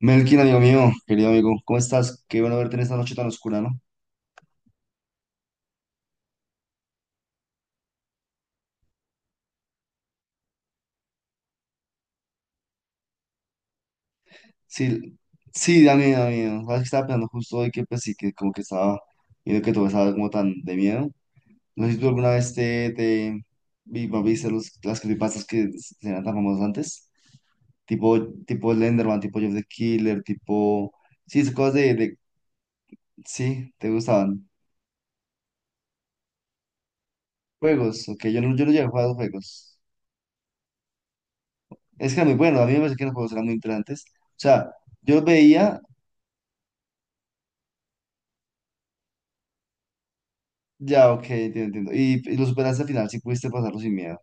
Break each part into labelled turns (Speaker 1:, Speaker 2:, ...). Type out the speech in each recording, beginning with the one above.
Speaker 1: Melkin, amigo mío, querido amigo, ¿cómo estás? Qué bueno verte en esta noche tan oscura, ¿no? Sí, sí, da miedo, da miedo. Sabes que estaba pensando justo hoy que, pues sí, que como que estaba viendo que todo estaba como tan de miedo. No sé si tú alguna vez te vi- no, viste los, las creepypastas que eran tan famosas antes, tipo Slenderman, tipo Jeff the Killer, tipo, sí, esas cosas sí, te gustaban. Juegos, ok, yo no llegué a jugar a los juegos. Es que era muy bueno, a mí me parece que los juegos eran muy interesantes. O sea, yo veía. Ya, ok, entiendo, entiendo. Y lo superaste al final, sí pudiste pasarlo sin miedo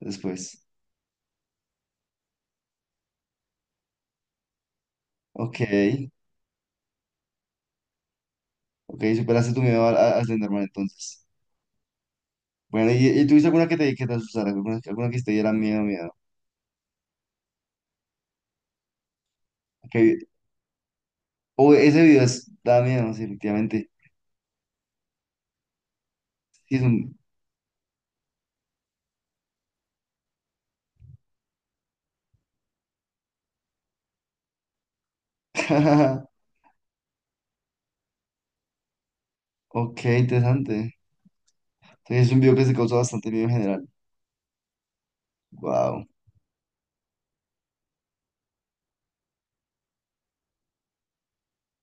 Speaker 1: después. Ok, ok, superaste tu miedo al Slenderman entonces. Bueno, ¿y tuviste alguna que te asustara? ¿Alguna, alguna que te diera miedo, miedo? Okay. O ese video es, da miedo, sí, efectivamente. Sí, es un… Ok, interesante. Entonces, es un video que se causó bastante miedo en general. Wow.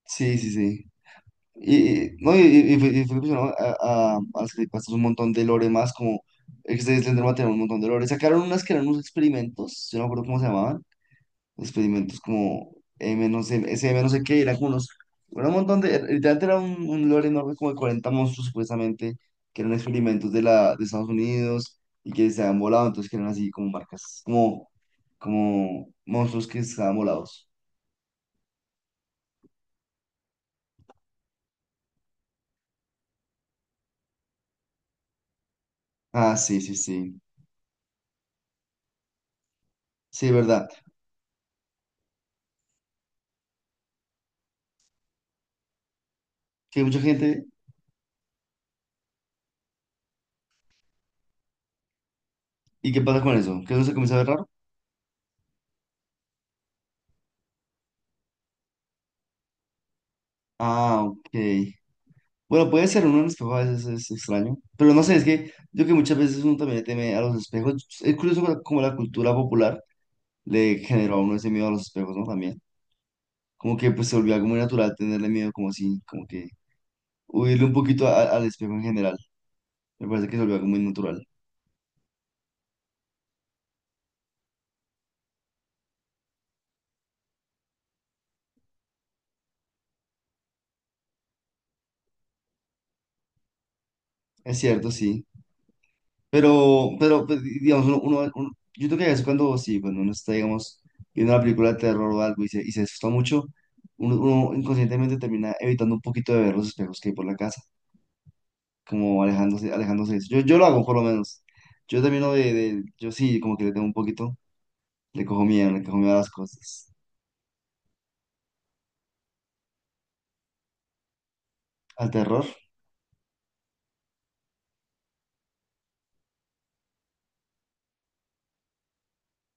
Speaker 1: Sí, sí, sí. Y- no, y fue impresionante a hacer hasta un montón de lore más, como ex de Slenderman tenía un montón de lore. Sacaron unas que eran unos experimentos, yo no me acuerdo cómo se llamaban, experimentos como M no sé, SM no sé qué, eran como unos, era un montón de, literalmente era un lore enorme como de 40 monstruos supuestamente, que eran experimentos de Estados Unidos y que se habían volado, entonces que eran así como marcas, como, como monstruos que estaban volados. Ah, sí, sí, sí, sí, verdad, que mucha gente… ¿Y qué pasa con eso? ¿Que no se comienza a ver raro? Ah, ok. Bueno, puede ser, uno en el espejo a veces es extraño, pero no sé, es que yo que muchas veces uno también le teme a los espejos, es curioso como como la cultura popular le generó a uno ese miedo a los espejos, ¿no? También, como que pues se volvió algo muy natural tenerle miedo, como así, como que huirle un poquito a- al espejo en general, me parece que se volvió algo muy natural. Es cierto, sí. Pero pues, digamos, yo creo que a veces cuando, sí, cuando uno está, digamos, viendo una película de terror o algo y se asusta mucho, uno inconscientemente termina evitando un poquito de ver los espejos que hay por la casa, como alejándose, alejándose de eso. Yo lo hago, por lo menos. Yo termino yo sí, como que le tengo un poquito, le cojo miedo a las cosas. ¿Al terror?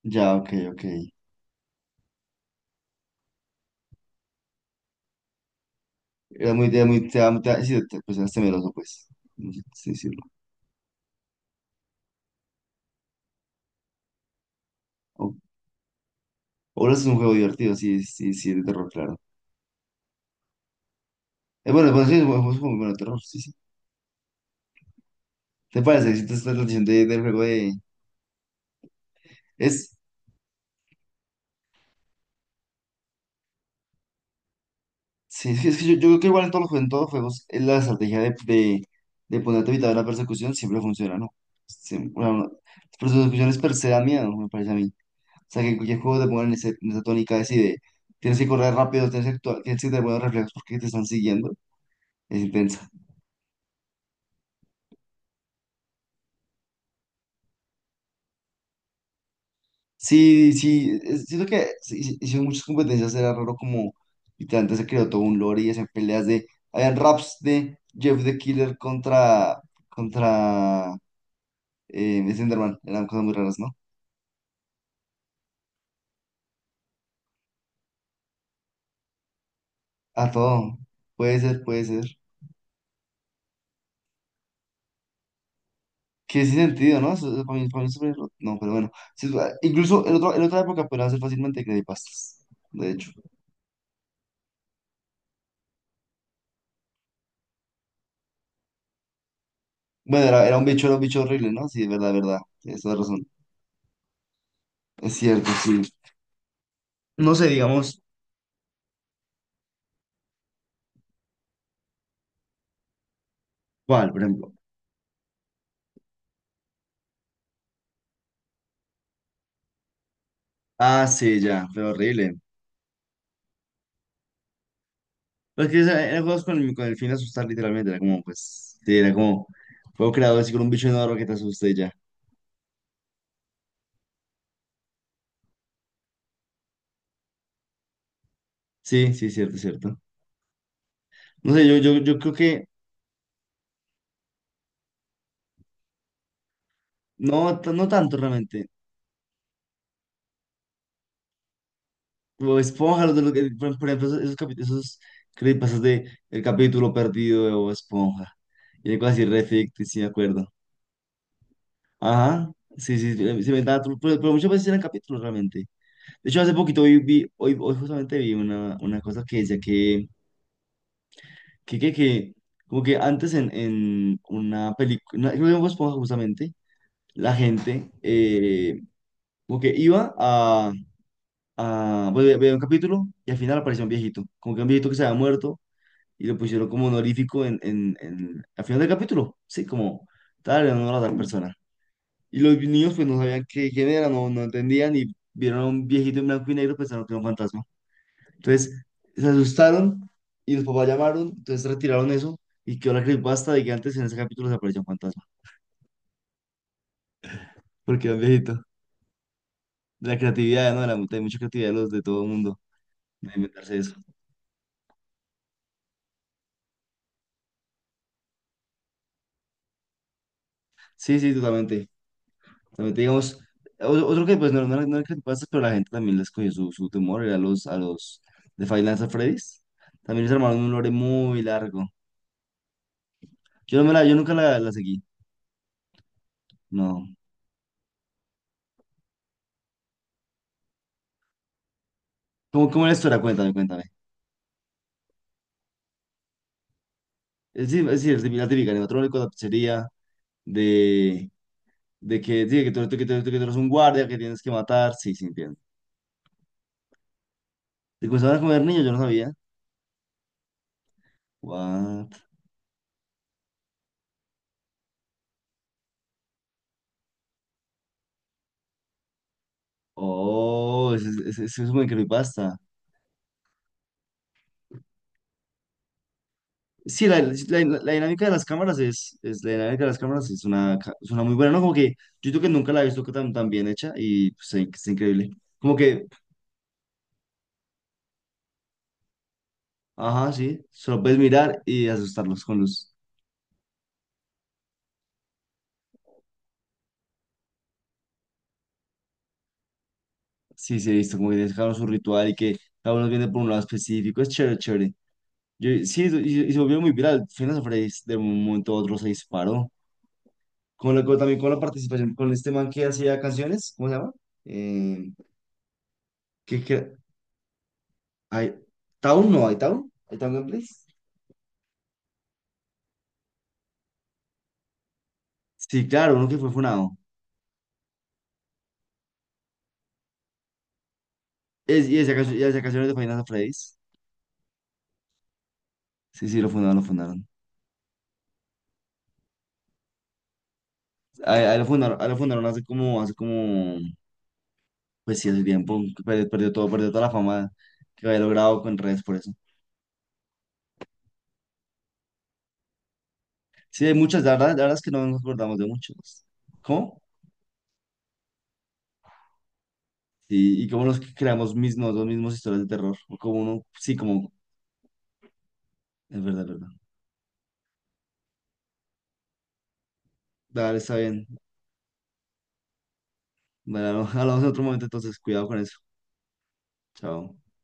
Speaker 1: Ya, ok, ok. Era muy, te, da- sí, te- pues eras temeroso, pues, sí decirlo. O, o es un juego divertido, sí, sí, sí, de terror, claro. Bueno, pues sí, es un juego muy bueno de terror, sí, sí. ¿Te parece? Si te está la de- del juego de… Es, sí, es que yo, yo creo que igual en todos los, jue- en todos los juegos la estrategia de ponerte a evitar la persecución siempre funciona, ¿no? Sí, bueno, no, las persecuciones per se dan miedo, me parece a mí. O sea, que en cualquier juego te pongan en, ese- en esa tónica así de tienes que correr rápido, tienes que actuar, tienes que tener buenos reflejos porque te están siguiendo. Es intenso. Sí, sí, es- siento que se hice- hicieron muchas competencias, era raro como literalmente se creó todo un lore y hacían peleas de, habían raps de Jeff the Killer contra, contra Slenderman, eran cosas muy raras, ¿no? A todo, puede ser, puede ser. Que sin sentido, ¿no? Eso- eso para mí es súper raro. No, pero bueno. Sí, ah, incluso en, otro- en otra época podían ser fácilmente creepypastas, de hecho. Bueno, era, era un bicho horrible, ¿no? Sí, es verdad, tienes toda razón, es cierto, sí. No sé, digamos, ¿cuál, por ejemplo? Ah, sí, ya, fue horrible. Pero es que esa- eran juegos con el fin de asustar, literalmente. Era como, pues, sí, era como, juego creado así con un bicho enorme que te asuste y ya. Sí, sí, cierto, cierto. No sé, yo creo que, no, t- no tanto realmente. Como Esponja, los de los que- por ejemplo, capi- esos creepypastas de El capítulo perdido de Bob Esponja. Y de cosas así, re ficticias, sí, me acuerdo. Ajá, sí, sí, sí, se inventaba, tru- pero muchas veces eran capítulos realmente. De hecho, hace poquito hoy vi, hoy justamente vi una cosa que decía que. Que, como que antes en una película, creo que en Bob Esponja justamente, la gente como que iba a bueno, ve- veía un capítulo y al final aparecía un viejito, como que un viejito que se había muerto y lo pusieron como honorífico al final del capítulo, sí, como tal, en honor a tal persona. Y los niños pues no sabían qué, quién era, no, no entendían y vieron a un viejito en blanco y negro pensaron que era un fantasma. Entonces se asustaron y los papás llamaron, entonces retiraron eso y quedó la creepypasta de que antes en ese capítulo se apareció un fantasma, porque era un viejito. De la creatividad, ¿no? De la, hay mucha creatividad de los de todo el mundo, de inventarse eso. Sí, sí, totalmente. Totalmente, digamos, o- otro que pues no, no, era- no era creepypasta, pero la gente también les cogió su, su temor, era los, a los de Five Nights at Freddy's. También les armaron un lore muy largo. No me la, yo nunca la, la seguí, no. ¿Cómo, cómo era la historia? Cuéntame, cuéntame. Es decir, la típica, animatrónico, la pizzería, de. De que, sí, que tú eres un guardia que tienes que matar. Sí, sí, entiendo. Te comenzaban a comer niños, yo no sabía. What? Oh, eso es eso es muy creepypasta. Sí, la dinámica de las cámaras la dinámica de las cámaras es una, ca- es una muy buena, ¿no? Como que yo creo que nunca la he visto tan, tan bien hecha y pues, sí, que es increíble. Como que, ajá, sí, solo puedes mirar y asustarlos con los… Sí, sí, he visto como que tienes cada uno su ritual y que cada uno viene por un lado específico. Es chévere, chévere. Yo- y se volvió muy viral. Finas Freddy's de un momento a otro se disparó. Con la, con- también con la participación con este man que hacía canciones, ¿cómo se llama? Eh, que, que, hay, ¿Town? No, ¿hay Town? ¿Hay Town Gameplays? Sí, claro, uno que fue funado. Es, y hacía cancio- y hacía canciones de Finas Freddy's. Sí, sí, lo fundaron, lo fundaron. Ahí lo fundaron pues sí, hace tiempo. Que perdió, perdió todo, perdió toda la fama que había logrado con redes por eso. Sí, hay muchas, la verdad es que no nos acordamos de muchos. ¿Cómo? Sí, y como nos creamos mismos, los mismos historias de terror. O como uno, sí, como, es verdad, es verdad. Dale, está bien. Bueno, hablamos en otro momento, entonces, cuidado con eso. Chao.